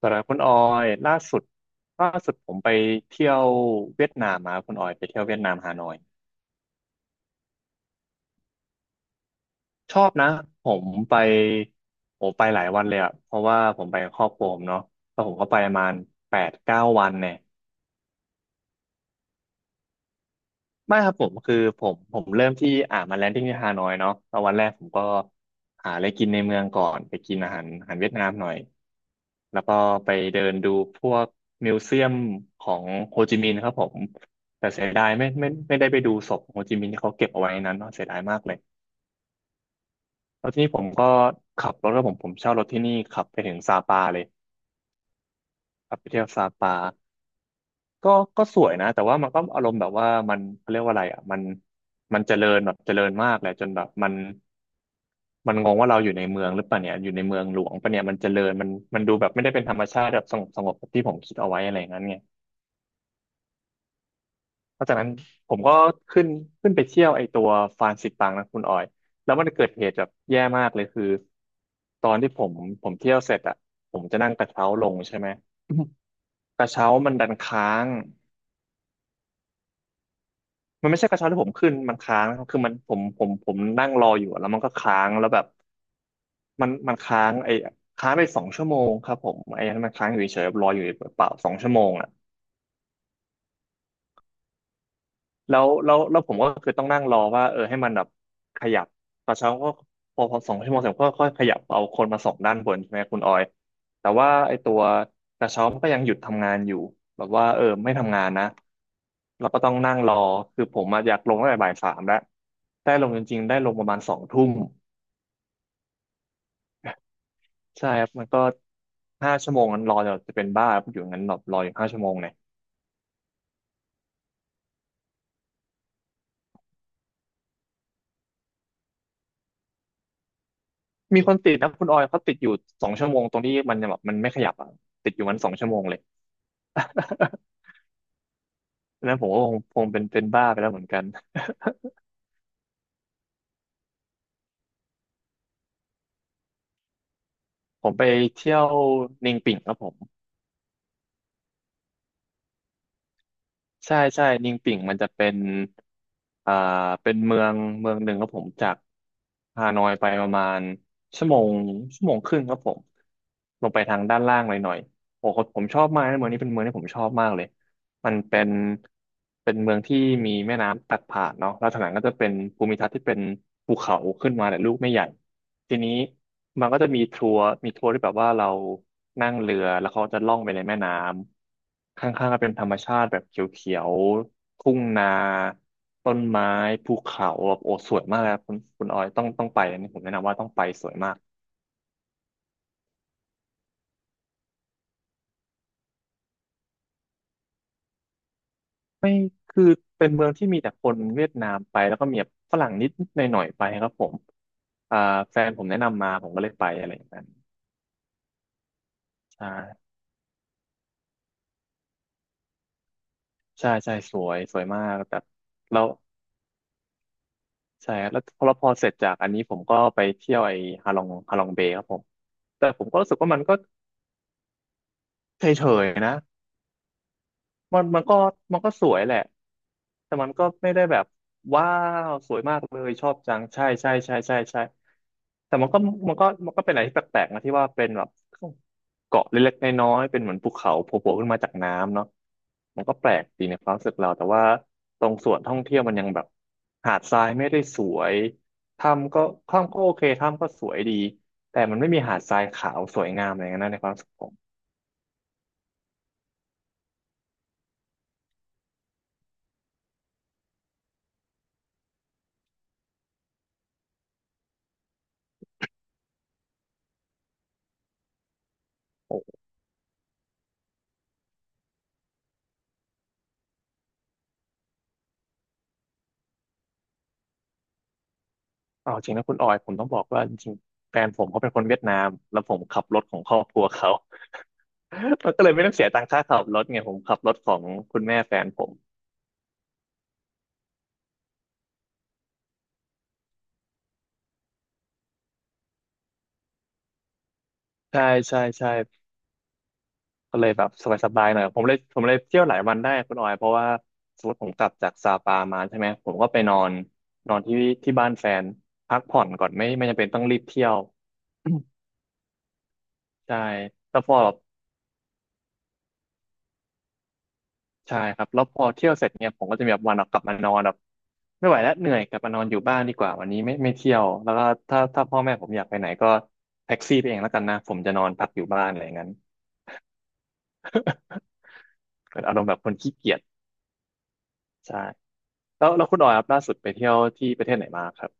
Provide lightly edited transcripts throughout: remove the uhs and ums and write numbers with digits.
สำหรับคุณออยล่าสุดผมไปเที่ยวเวียดนามมาครับคุณออยไปเที่ยวเวียดนามฮานอยชอบนะผมไปโอ้ไปหลายวันเลยอะเพราะว่าผมไปกับครอบครัวผมเนาะแล้วผมก็ไปประมาณ8-9 วันเนี่ยไม่ครับผมคือผมเริ่มที่มาแลนดิ้งที่ฮานอยเนาะแล้ววันแรกผมก็หาอะไรกินในเมืองก่อนไปกินอาหารเวียดนามหน่อย แล้วก็ไปเดินดูพวกมิวเซียมของโฮจิมินห์ครับผมแต่เสียดายไม่ไม่ได้ไปดูศพของโฮจิมินห์ที่เขาเก็บเอาไว้นนั้นเนาะเสียดายมากเลยแล้วทีนี้ผมก็ขับรถแล้วผมเช่ารถที่นี่ขับไปถึงซาปาเลยขับไปเที่ยวซาปาก็สวยนะแต่ว่ามันก็อารมณ์แบบว่ามันเขาเรียกว่าอะไรอ่ะมันเจริญแบบเจริญมากเลยจนแบบมันงงว่าเราอยู่ในเมืองหรือเปล่าเนี่ยอยู่ในเมืองหลวงปะเนี่ยมันเจริญมันดูแบบไม่ได้เป็นธรรมชาติแบบสงบแบบที่ผมคิดเอาไว้อะไรอย่างนั้นไง หลังจากนั้นผมก็ขึ้นไปเที่ยวไอตัวฟานสิปังนะคุณออยแล้วมันเกิดเหตุแบบแย่มากเลยคือตอนที่ผมเที่ยวเสร็จอ่ะผมจะนั่งกระเช้าลงใช่ไหมกระเช้ามันดันค้างมันไม่ใช่กระเช้าที่ผมขึ้นมันค้างนะครับคือมันผมนั่งรออยู่แล้วมันก็ค้างแล้วแบบมันค้างไอ้ค้างไปสองชั่วโมงครับผมไอ้นั้นมันค้างอยู่เฉยๆรออยู่เปล่าสองชั่วโมงอ่ะ แล้วผมก็คือต้องนั่งรอว่าเออให้มันแบบขยับตอนเช้าก็พอสองชั่วโมงเสร็จก็ค่อยขยับเอาคนมาส่งด้านบนใช่ไหมคุณออยแต่ว่าไอ้ตัวกระเช้ามันก็ยังหยุดทำงานอยู่แบบว่าเออไม่ทำงานนะเราก็ต้องนั่งรอคือผมอะอยากลงตั้งแต่บ่าย 3แล้วได้ลงจริงๆได้ลงประมาณ2 ทุ่มใช่ครับมันก็ห้าชั่วโมงนั้นรอจะเป็นบ้าอยู่งั้นแบบรออยู่ห้าชั่วโมงเนี่ยมีคนติดนะคุณออยเขาติดอยู่สองชั่วโมงตรงที่มันยังแบบมันไม่ขยับอะติดอยู่มันสองชั่วโมงเลย อันนั้นผมก็คงเป็นบ้าไปแล้วเหมือนกัน ผมไปเที่ยวนิงปิ่งครับผมใช่ใช่นิงปิ่งมันจะเป็นอ่าเป็นเมืองหนึ่งครับผมจากฮานอยไปประมาณชั่วโมงครึ่งครับผมลงไปทางด้านล่างหน่อยโอ้โหผมชอบมากนะเมืองนี้เป็นเมืองที่ผมชอบมากเลยมันเป็นเมืองที่มีแม่น้ำตัดผ่านเนาะแล้วทางหลังก็จะเป็นภูมิทัศน์ที่เป็นภูเขาขึ้นมาแต่ลูกไม่ใหญ่ ทีนี้มันก็จะมีทัวร์ที่แบบว่าเรานั่งเรือแล้วเขาจะล่องไปในแม่น้ำข้างๆก็เป็นธรรมชาติแบบเขียวๆทุ่งนาต้นไม้ภูเขาแบบโอ้สวยมากเลยครับคุณออยต้องไปอันนี้ผมแนะนำว่าต้องไปสวยมากคือเป็นเมืองที่มีแต่คนเวียดนามไปแล้วก็มีแบบฝรั่งนิดหน่อยๆไปครับผมอ่าแฟนผมแนะนำมาผมก็เลยไปอะไรอย่างนั้นใช่ใช่ใช่สวยสวยมากแบบแล้ว ใช่ครับแล้วพอเสร็จจากอันนี้ผมก็ไปเที่ยวไอ้ฮาลองเบย์ครับผมแต่ผมก็รู้สึกว่ามันก็เฉยๆนะ มันก็สวยแหละแต่มันก็ไม่ได้แบบว้าวสวยมากเลยชอบจังใช่ใช่ใช่ใช่ใช่แต่มันก็เป็นอะไรที่แปลกๆนะที่ว่าเป็นแบบเกาะเล็กๆน้อยๆเป็นเหมือนภูเขาโผล่ๆขึ้นมาจากน้ำเนาะมันก็แปลกดีในความรู้สึกเราแต่ว่าตรงส่วนท่องเที่ยวมันยังแบบหาดทรายไม่ได้สวยถ้ำก็โอเคถ้ำก็สวยดีแต่มันไม่มีหาดทรายขาวสวยงามอะไรอย่างนั้นนะในความรู้สึกผม เอาจริงนะคุณออยผมต้องบอกว่าจริงๆแฟนผมเขาเป็นคนเวียดนามแล้วผมขับรถของครอบครัวเขา มันก็เลยไม่ต้องเสียตังค่าขับรถไงผมขับรถของคุณแม่แฟนผมใช่ใช่ใช่ก็เลยแบบสบายๆหน่อยผมเลยเที่ยวหลายวันได้คุณออยเพราะว่าสมมติผมกลับจากซาปามาใช่ไหมผมก็ไปนอนนอนที่บ้านแฟนพักผ่อนก่อนไม่จำเป็นต้องรีบเที่ยว ใช่แล้วพอ ใช่ครับแล้วพอเที่ยวเสร็จเนี่ยผมก็จะมีแบบวันออกกลับมานอนแบบไม่ไหวแล้วเหนื่อยกลับมานอนอยู่บ้านดีกว่าวันนี้ไม่เที่ยวแล้วก็ถ้าพ่อแม่ผมอยากไปไหนก็แท็กซี่ไปเองแล้วกันนะผมจะนอนพักอยู่บ้านอะไรอย่างนั้น เป็นอารมณ์แบบคนขี้เกียจใช่แล้วคุณออยครับล่าสุดไปเที่ยวที่ประเทศไหนมาครับ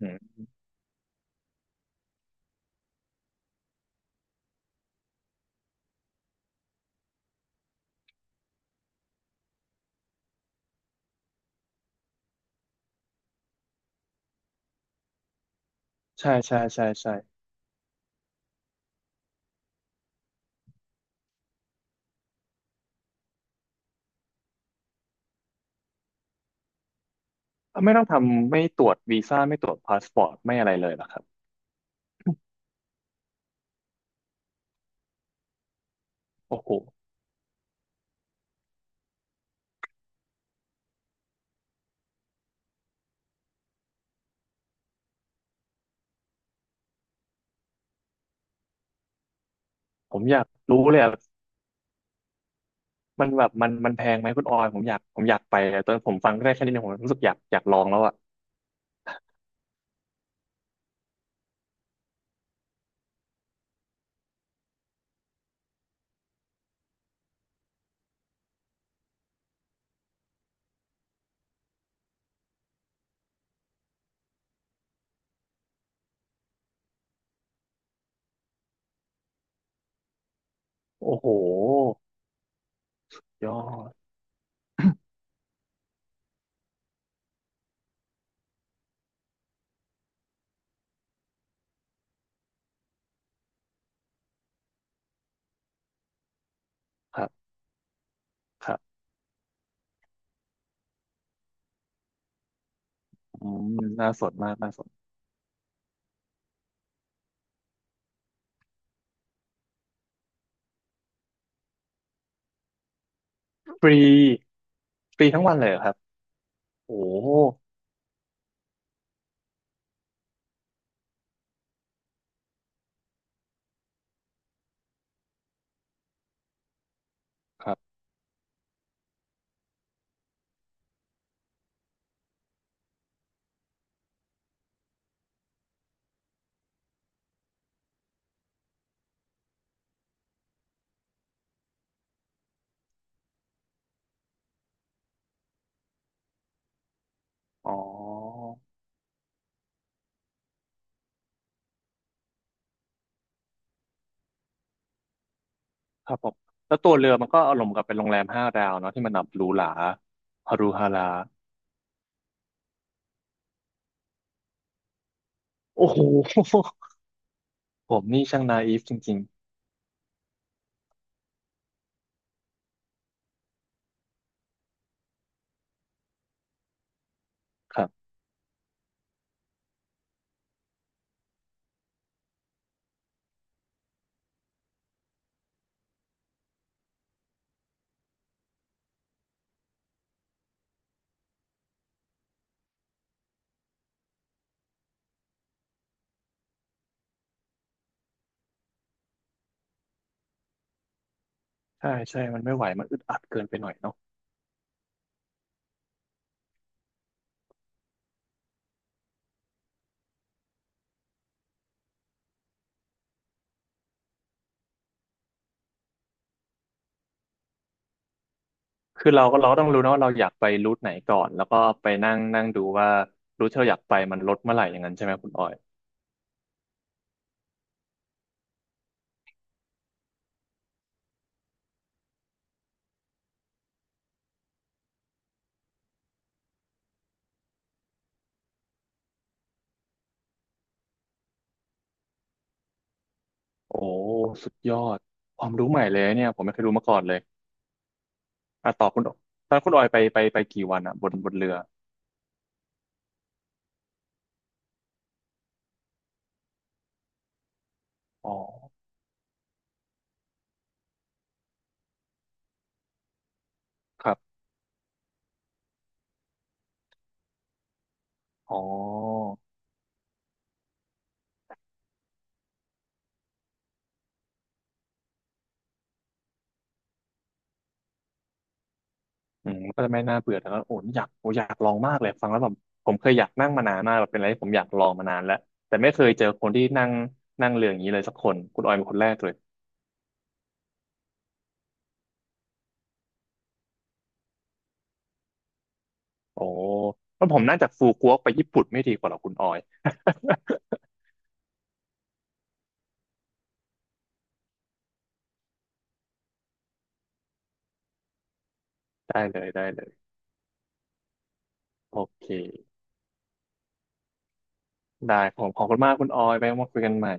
อืมใช่ใช่ใช่ใช่อไม่ต้องทำไม่ตรวจวีซ่าไม่ตรวจพาสปอร์ตไม่อะไรเลยเหรอครับโอ้โหผมอยากรู้เลยอะ มันแบบมันแพงไหมคุณออยผมอยากไปอะตอนผมฟังได้แค่นี้เนี่ยผมรู้สึกอยากลองแล้วอ่ะโอ้โหยอดครับครับอืมน่าสนมากน่าสนฟรีฟรีทั้งวันเลยเหรอครับโอ้ครับอ๋อครับผมแล้วตัวเรือมันก็อารมณ์กับเป็นโรงแรมห้าดาวเนาะที่มันแบบหรูหราฮารุฮาราโอ้โห ผมนี่ช่างนาอีฟจริงๆครับใช่ใช่มันไม่ไหวมันอึดอัดเกินไปหน่อยเนาะ คือเราก็ต้องรู้นะว่าเราอยากไปรูทไหนก่อนแล้วก็ไปนั่งนั่งดูว่ารูทที่เราอยากไปมันลดเมื่อไหร่อย่างนั้นใช่ไหมคุณออยโอ้สุดยอดความรู้ใหม่เลยเนี่ยผมไม่เคยรู้มาก่อนเลยอ่ะต่อคุณตอนคุณออยไปกี่วันอ่ะบนเรืออ๋อครับอ๋ออืมก็จะไม่น่าเบื่อแต่ก็โอ้อยากลองมากเลยฟังแล้วแบบผมเคยอยากนั่งมานานมากแบบเป็นอะไรที่ผมอยากลองมานานแล้วแต่ไม่เคยเจอคนที่นั่งนั่งเรืออย่างนี้เลยสักคนคุณออยเป็นคนแรกเลย โอ้แล้วผมน่าจะฟูกัวไปญี่ปุ่นไม่ดีกว่าหรอคุณออย ได้เลยได้เลยโอเคได้ผมขอบคุณมากคุณออยไปมาคุยกันใหม่